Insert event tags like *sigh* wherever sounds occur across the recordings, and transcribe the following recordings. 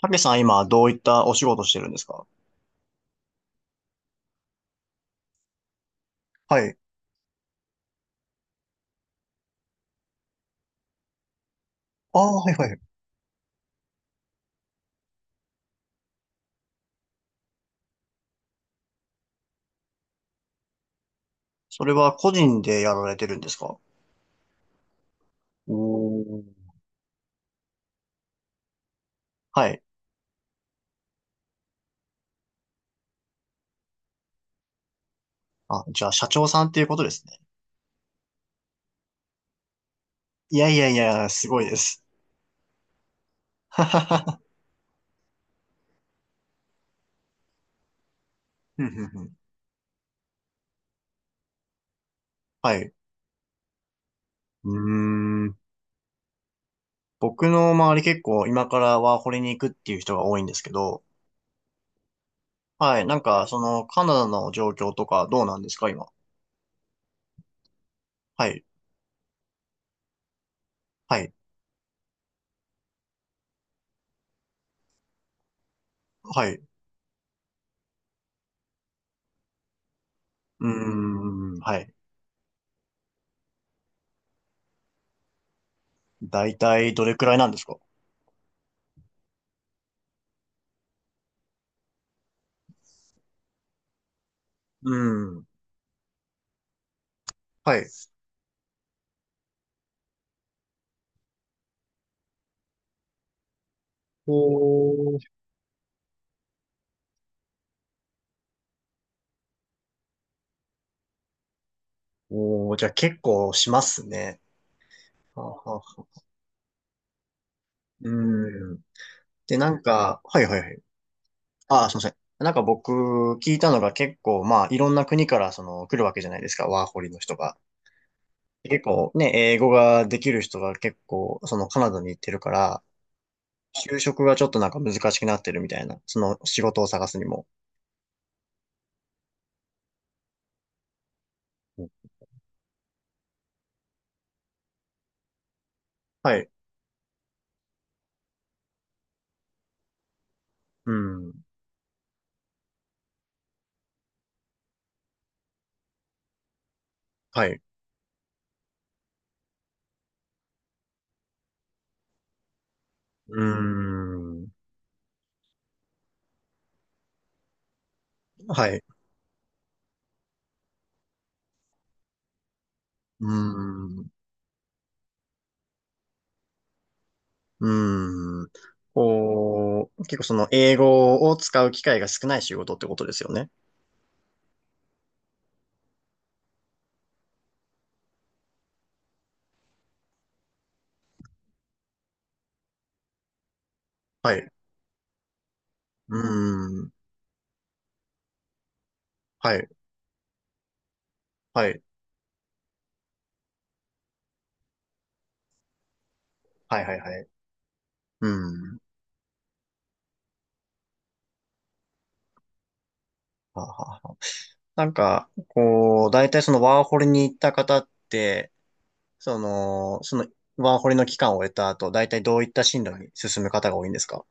たけさん、今どういったお仕事してるんですか？はい。ああ、はいはい。それは個人でやられてるんですか？おー。はい。あ、じゃあ社長さんっていうことですね。いやいやいや、すごいです。*laughs* ははは、ふんふんふん。 *laughs* はい。うーん。僕の周り、結構今からワーホリに行くっていう人が多いんですけど、はい。なんか、その、カナダの状況とかどうなんですか、今。はい。はい。はい。うーん。はい。だいたいどれくらいなんですか？うーん。はい。おー、おー、じゃあ結構しますね。はあはあはあ、うん。で、なんか、はいはいはい。ああ、すいません。なんか僕、聞いたのが結構、まあ、いろんな国からその来るわけじゃないですか、ワーホリの人が。結構ね、英語ができる人が結構、そのカナダに行ってるから、就職がちょっとなんか難しくなってるみたいな、その仕事を探すにも。うん、はい。うん。はい。うーん。はい。うーん。うーん。こう、結構その英語を使う機会が少ない仕事ってことですよね。はい。うーん。はい。はい。はいはいはい。うーん。はあはあはあ、なんか、こう、大体そのワーホリに行った方って、その、そのワーホリの期間を終えた後、大体どういった進路に進む方が多いんですか？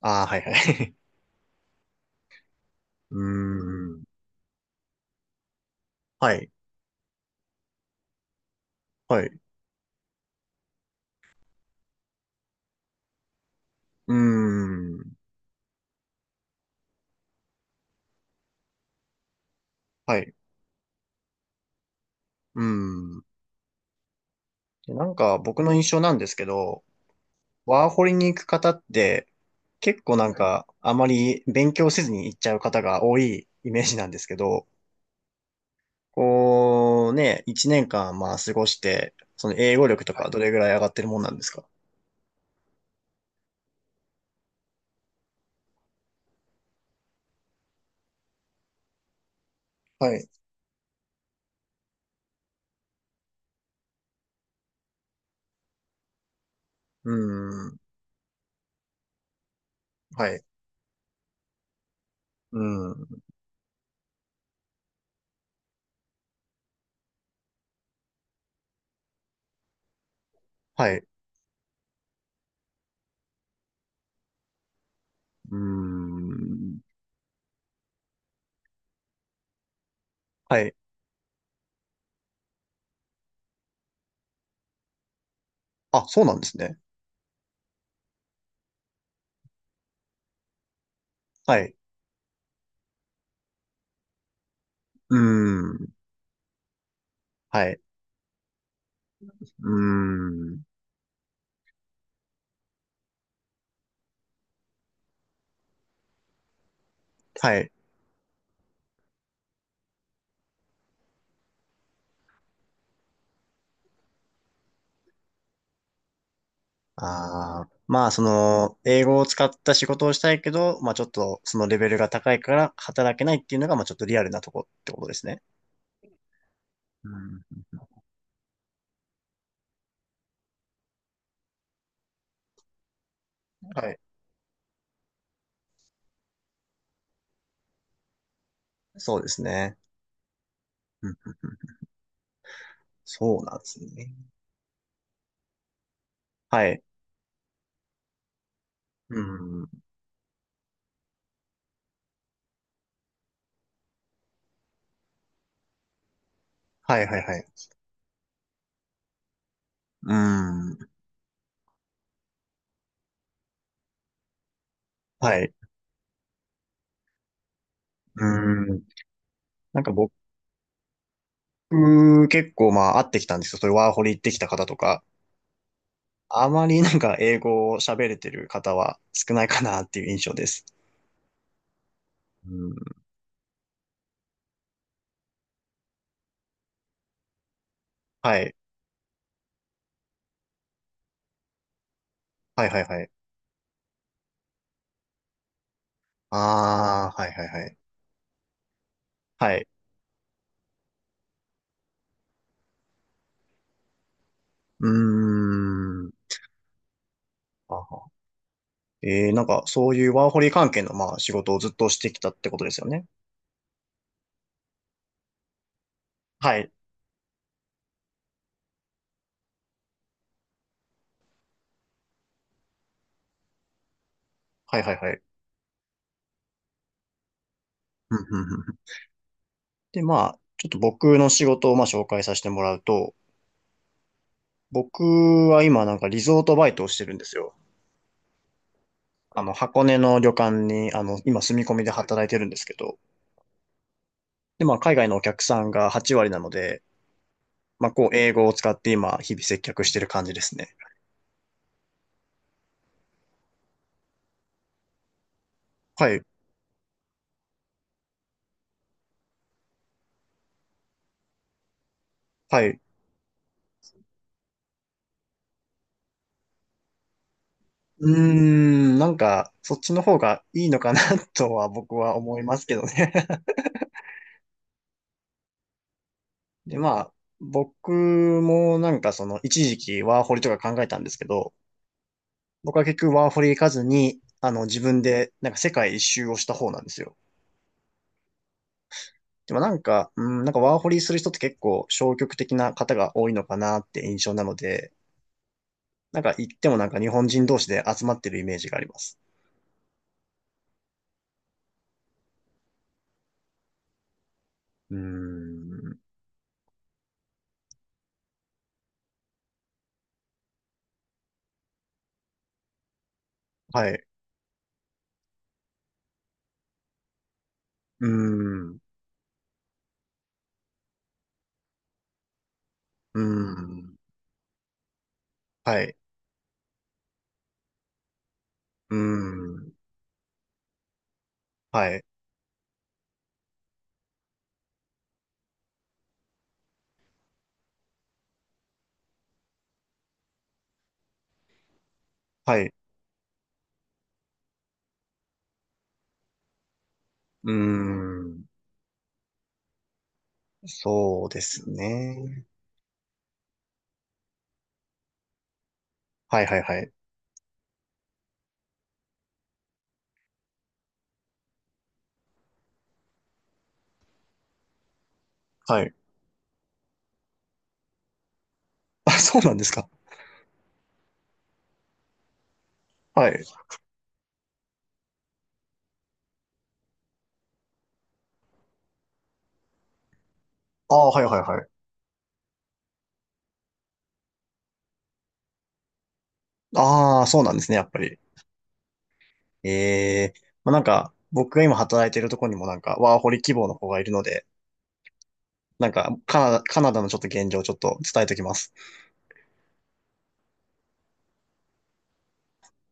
ああー、はいはい。*laughs* うーん。はい。はい。うーん。はい。うーん。でなんか僕の印象なんですけど、ワーホリに行く方って、結構なんか、あまり勉強せずに行っちゃう方が多いイメージなんですけど、こうね、一年間まあ過ごして、その英語力とかどれぐらい上がってるもんなんですか？はい。うーん。はい。うーん。はい。うーん。はい。あ、そうなんですね。はい。うーん。はい。うーん。はい。ああ、まあ、その、英語を使った仕事をしたいけど、まあ、ちょっと、そのレベルが高いから働けないっていうのが、まあ、ちょっとリアルなとこってことですね。うん。はい。そうですね。うんうんうん、そうなんですね。はい。うん。はいはいはい。うん。はい。うん。なんか僕、結構まあ、会ってきたんですよ。そういうワーホリ行ってきた方とか、あまりなんか英語を喋れてる方は少ないかなっていう印象です。うん。はい。はいはいはい。ああ、はいはいはい。はい。うーん。あは。えー、なんか、そういうワーホリ関係の、まあ、仕事をずっとしてきたってことですよね。はい。はいはいはい。うんうんうんうん、で、まあ、ちょっと僕の仕事を、まあ、紹介させてもらうと、僕は今、なんか、リゾートバイトをしてるんですよ。あの、箱根の旅館に、あの、今、住み込みで働いてるんですけど、で、まあ、海外のお客さんが8割なので、まあ、こう、英語を使って今、日々接客してる感じですね。はい。はい。うーん、なんか、そっちの方がいいのかな *laughs* とは僕は思いますけどね。 *laughs* で、まあ、僕もなんかその、一時期ワーホリとか考えたんですけど、僕は結局ワーホリ行かずに、あの、自分でなんか世界一周をした方なんですよ。でもなんか、うん、なんかワーホリする人って結構消極的な方が多いのかなって印象なので、なんか行ってもなんか日本人同士で集まってるイメージがあります。うーん、はい、うーん、うーん、はい、うーん。はい。はい。うーん。そうですね。はいはいはい。はい。あ、そうなんですか。はい。ああ、はいはいはい。ああ、そうなんですね、やっぱり。ええ、まあ、なんか、僕が今働いてるとこにもなんか、ワーホリ希望の子がいるので、なんか、カナダ、カナダのちょっと現状をちょっと伝えときます。